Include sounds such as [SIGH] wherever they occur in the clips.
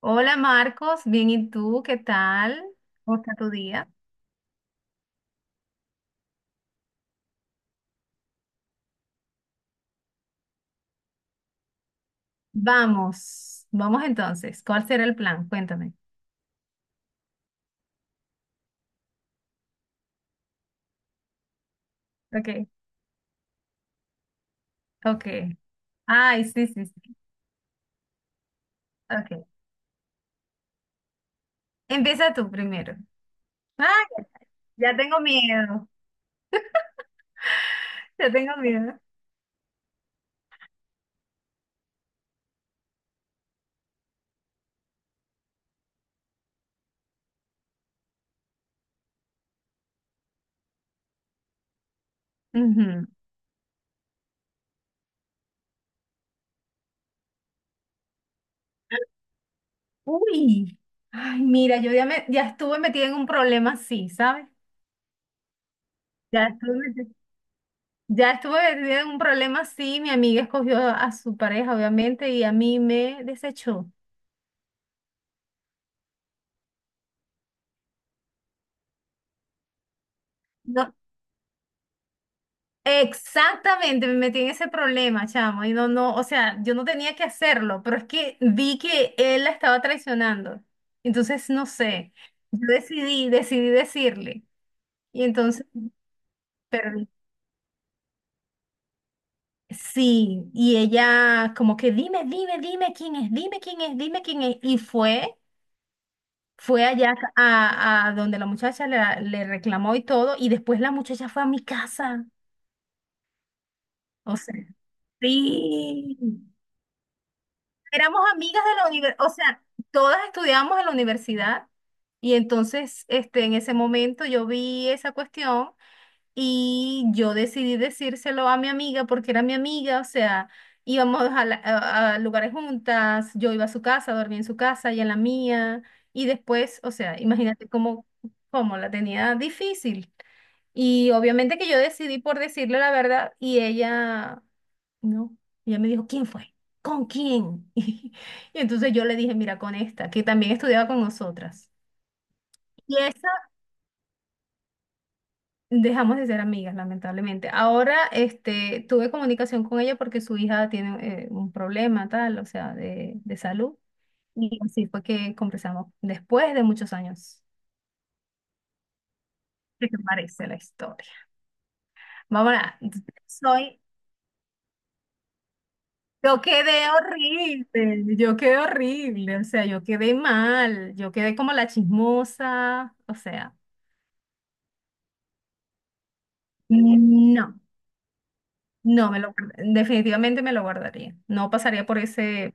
Hola Marcos, bien, ¿y tú? ¿Qué tal? ¿Cómo está tu día? Vamos, vamos entonces. ¿Cuál será el plan? Cuéntame. Ok, ok. Ay, sí, sí, sí. Ok. Empieza tú primero. Ay, ya tengo miedo. [LAUGHS] Ya tengo miedo. Ujú. Uy. Ay, mira, yo ya estuve metida en un problema así, ¿sabes? Ya estuve metida, ya estuve metida en un problema así. Mi amiga escogió a su pareja, obviamente, y a mí me desechó. No. Exactamente, me metí en ese problema, chamo, y no, no, o sea, yo no tenía que hacerlo, pero es que vi que él la estaba traicionando. Entonces, no sé, yo decidí decirle. Y entonces, perdí. Sí, y ella como que dime, dime, dime quién es, dime quién es, dime quién es. Y fue allá a donde la muchacha le reclamó y todo, y después la muchacha fue a mi casa. O sea, sí. Éramos amigas de la universidad, o sea, todas estudiábamos en la universidad y entonces, este, en ese momento yo vi esa cuestión y yo decidí decírselo a mi amiga porque era mi amiga, o sea, íbamos a lugares juntas, yo iba a su casa, dormía en su casa y en la mía y después, o sea, imagínate cómo la tenía difícil. Y obviamente que yo decidí por decirle la verdad y ella no. Y ella me dijo, ¿quién fue? ¿Con quién? [LAUGHS] Y entonces yo le dije, mira, con esta, que también estudiaba con nosotras. Y esa dejamos de ser amigas, lamentablemente. Ahora, este, tuve comunicación con ella porque su hija tiene un problema tal, o sea, de salud. Y así fue que conversamos después de muchos años. ¿Qué te parece la historia? Vamos a, soy yo quedé horrible, o sea, yo quedé mal, yo quedé como la chismosa, o sea, no, definitivamente me lo guardaría, no pasaría por ese.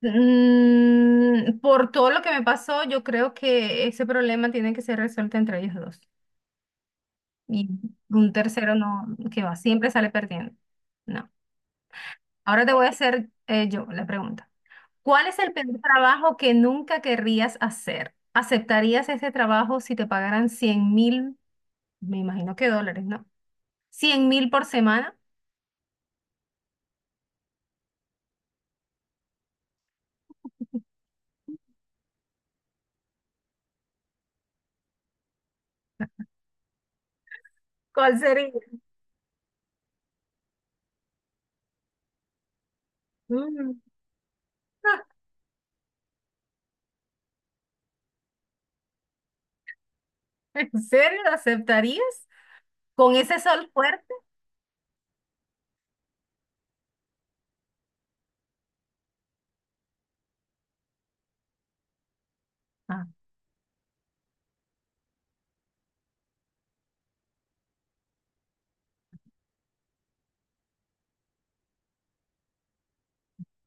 Mm, por todo lo que me pasó, yo creo que ese problema tiene que ser resuelto entre ellos dos, y un tercero no, que va, siempre sale perdiendo, no. Ahora te voy a hacer yo la pregunta. ¿Cuál es el peor trabajo que nunca querrías hacer? ¿Aceptarías ese trabajo si te pagaran 100.000, me imagino que dólares, ¿no? ¿100.000 por semana? ¿Cuál sería? Mm. [LAUGHS] ¿En serio lo aceptarías? ¿Con ese sol fuerte? Ah.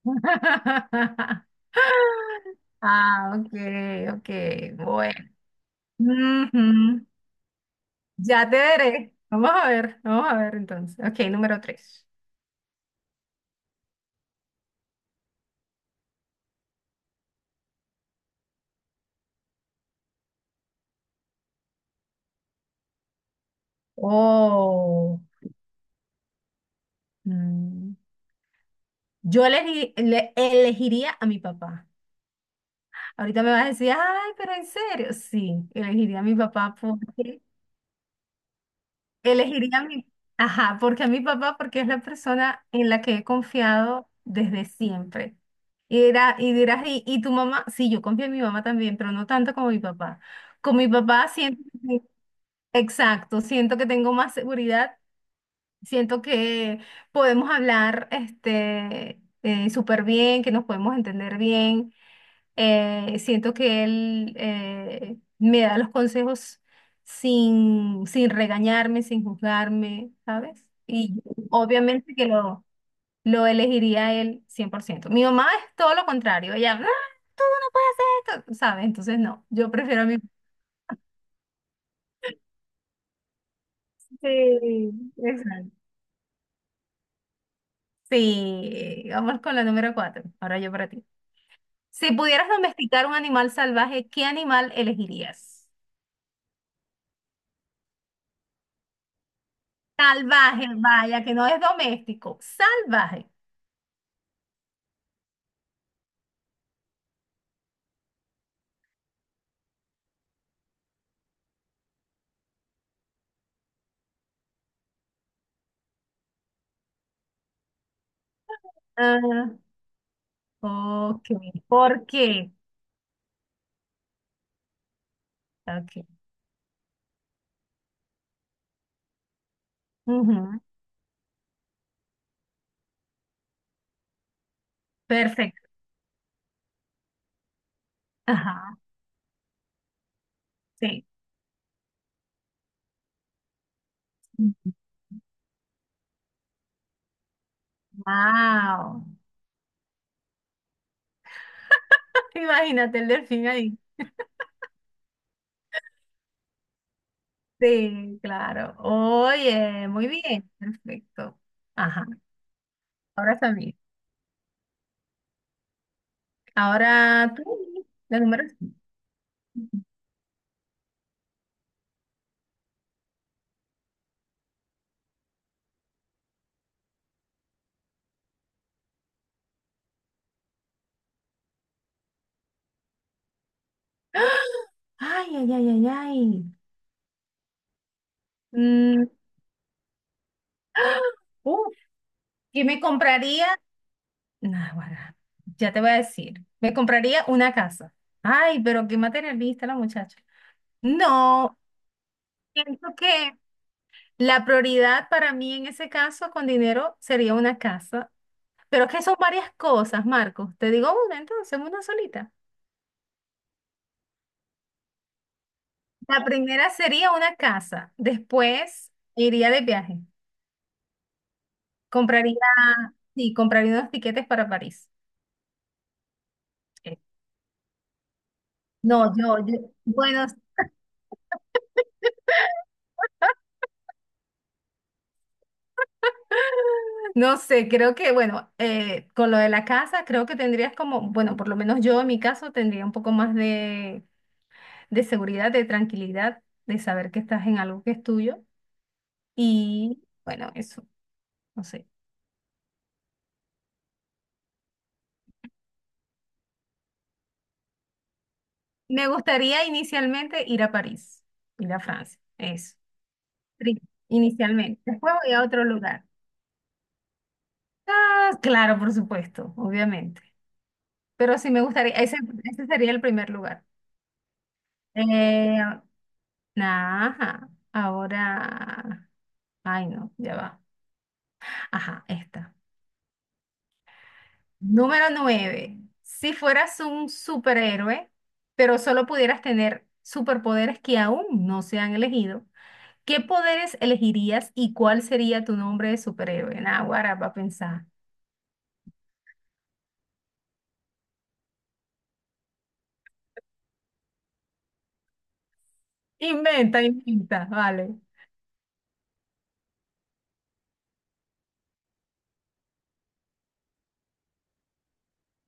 [LAUGHS] Ah, ok, ok, bueno. Ujú. Ya te veré. Vamos a ver entonces. Ok, número tres. Oh. Mm. Yo elegiría a mi papá. Ahorita me vas a decir, ay, pero en serio. Sí, elegiría a mi papá. Porque elegiría a mi, ajá, porque a mi papá, porque es la persona en la que he confiado desde siempre. Y, y dirás, ¿y tu mamá? Sí, yo confío en mi mamá también, pero no tanto como mi papá. Con mi papá siento, exacto, siento que tengo más seguridad, siento que podemos hablar este, súper bien, que nos podemos entender bien. Siento que él me da los consejos sin regañarme, sin juzgarme, ¿sabes? Y obviamente que lo elegiría a él 100%. Mi mamá es todo lo contrario, ella, "Ah, esto", ¿sabes? Entonces no, yo prefiero a mi... Sí, exacto. Sí, vamos con la número cuatro. Ahora yo para ti. Si pudieras domesticar un animal salvaje, ¿qué animal elegirías? Salvaje, vaya, que no es doméstico, salvaje. Ok, ¿por qué? Ok. Ujú. Perfecto. Ajá, sí. Wow. [LAUGHS] Imagínate el delfín ahí. Sí, claro. Oye, muy bien. Perfecto. Ajá. Ahora también. Ahora tú, la número cinco. Ay, ay, ay, ay, ay. Mm, ¡ah! Uf, ¿qué me compraría? Nah, guarda, ya te voy a decir. Me compraría una casa. Ay, pero qué materialista la muchacha. No, siento que la prioridad para mí en ese caso con dinero sería una casa, pero es que son varias cosas, Marcos. Te digo una entonces, una solita. La primera sería una casa, después iría de viaje, compraría, sí, compraría unos tiquetes para París. Eh, No, yo, bueno, no sé, creo que, bueno, con lo de la casa, creo que tendrías como, bueno, por lo menos yo en mi caso tendría un poco más de seguridad, de tranquilidad, de saber que estás en algo que es tuyo. Y bueno, eso, no sé. Me gustaría inicialmente ir a París, ir a Francia, eso, Pri- inicialmente. Después voy a otro lugar. Ah, claro, por supuesto, obviamente. Pero sí me gustaría, ese sería el primer lugar. Eh, ajá, ahora, ay no, ya va. Ajá, esta. Número nueve. Si fueras un superhéroe, pero solo pudieras tener superpoderes que aún no se han elegido. ¿Qué poderes elegirías y cuál sería tu nombre de superhéroe? Naguará, para pensar. Inventa, inventa, vale.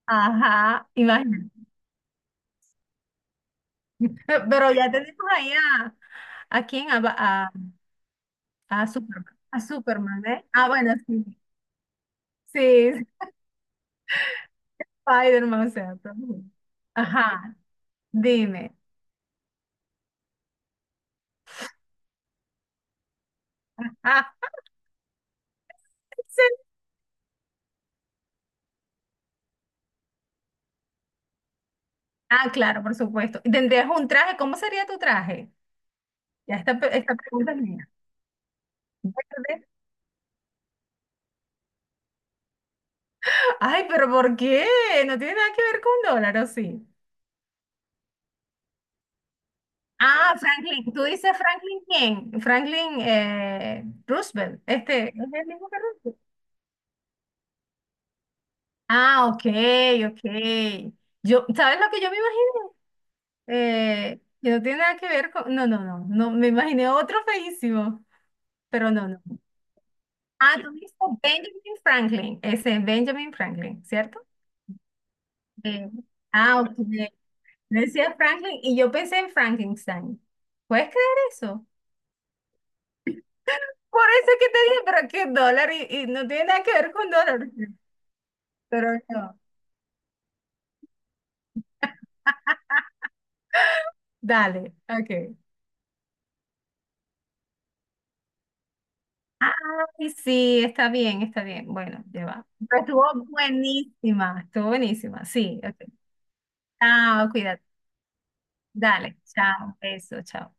Ajá, imagina. Pero ya tenemos ahí ¿a quién? A, a Superman. A Superman, ¿eh? Ah, bueno, sí. Sí, sí, Spider-Man, o sea, todo bien. Ajá, dime. Ah, sí. Ah, claro, por supuesto. ¿Y ¿Tendrías un traje? ¿Cómo sería tu traje? Ya esta, esta pregunta es mía. Verde. Ay, pero ¿por qué? No tiene nada que ver con dólar, ¿o sí? Ah, Franklin, tú dices Franklin ¿quién? Franklin Roosevelt, este, ¿es el mismo que Roosevelt? Ah, ok, ok. Yo, ¿sabes lo que yo me imaginé? Que no tiene nada que ver con, no, no, no, no, me imaginé otro feísimo, pero no, no. Ah, tú dices Benjamin Franklin, ese es Benjamin Franklin, ¿cierto? Eh, ah, ok. Decía Franklin y yo pensé en Frankenstein. ¿Puedes creer eso? Por eso es que te dije, pero aquí es dólar y no tiene nada que ver con dólar. Pero no. [LAUGHS] Dale, ok. Ay, sí, está bien, está bien. Bueno, ya va. Pero estuvo buenísima, estuvo buenísima. Sí, ok. Chao, cuídate. Dale, chao, beso, chao.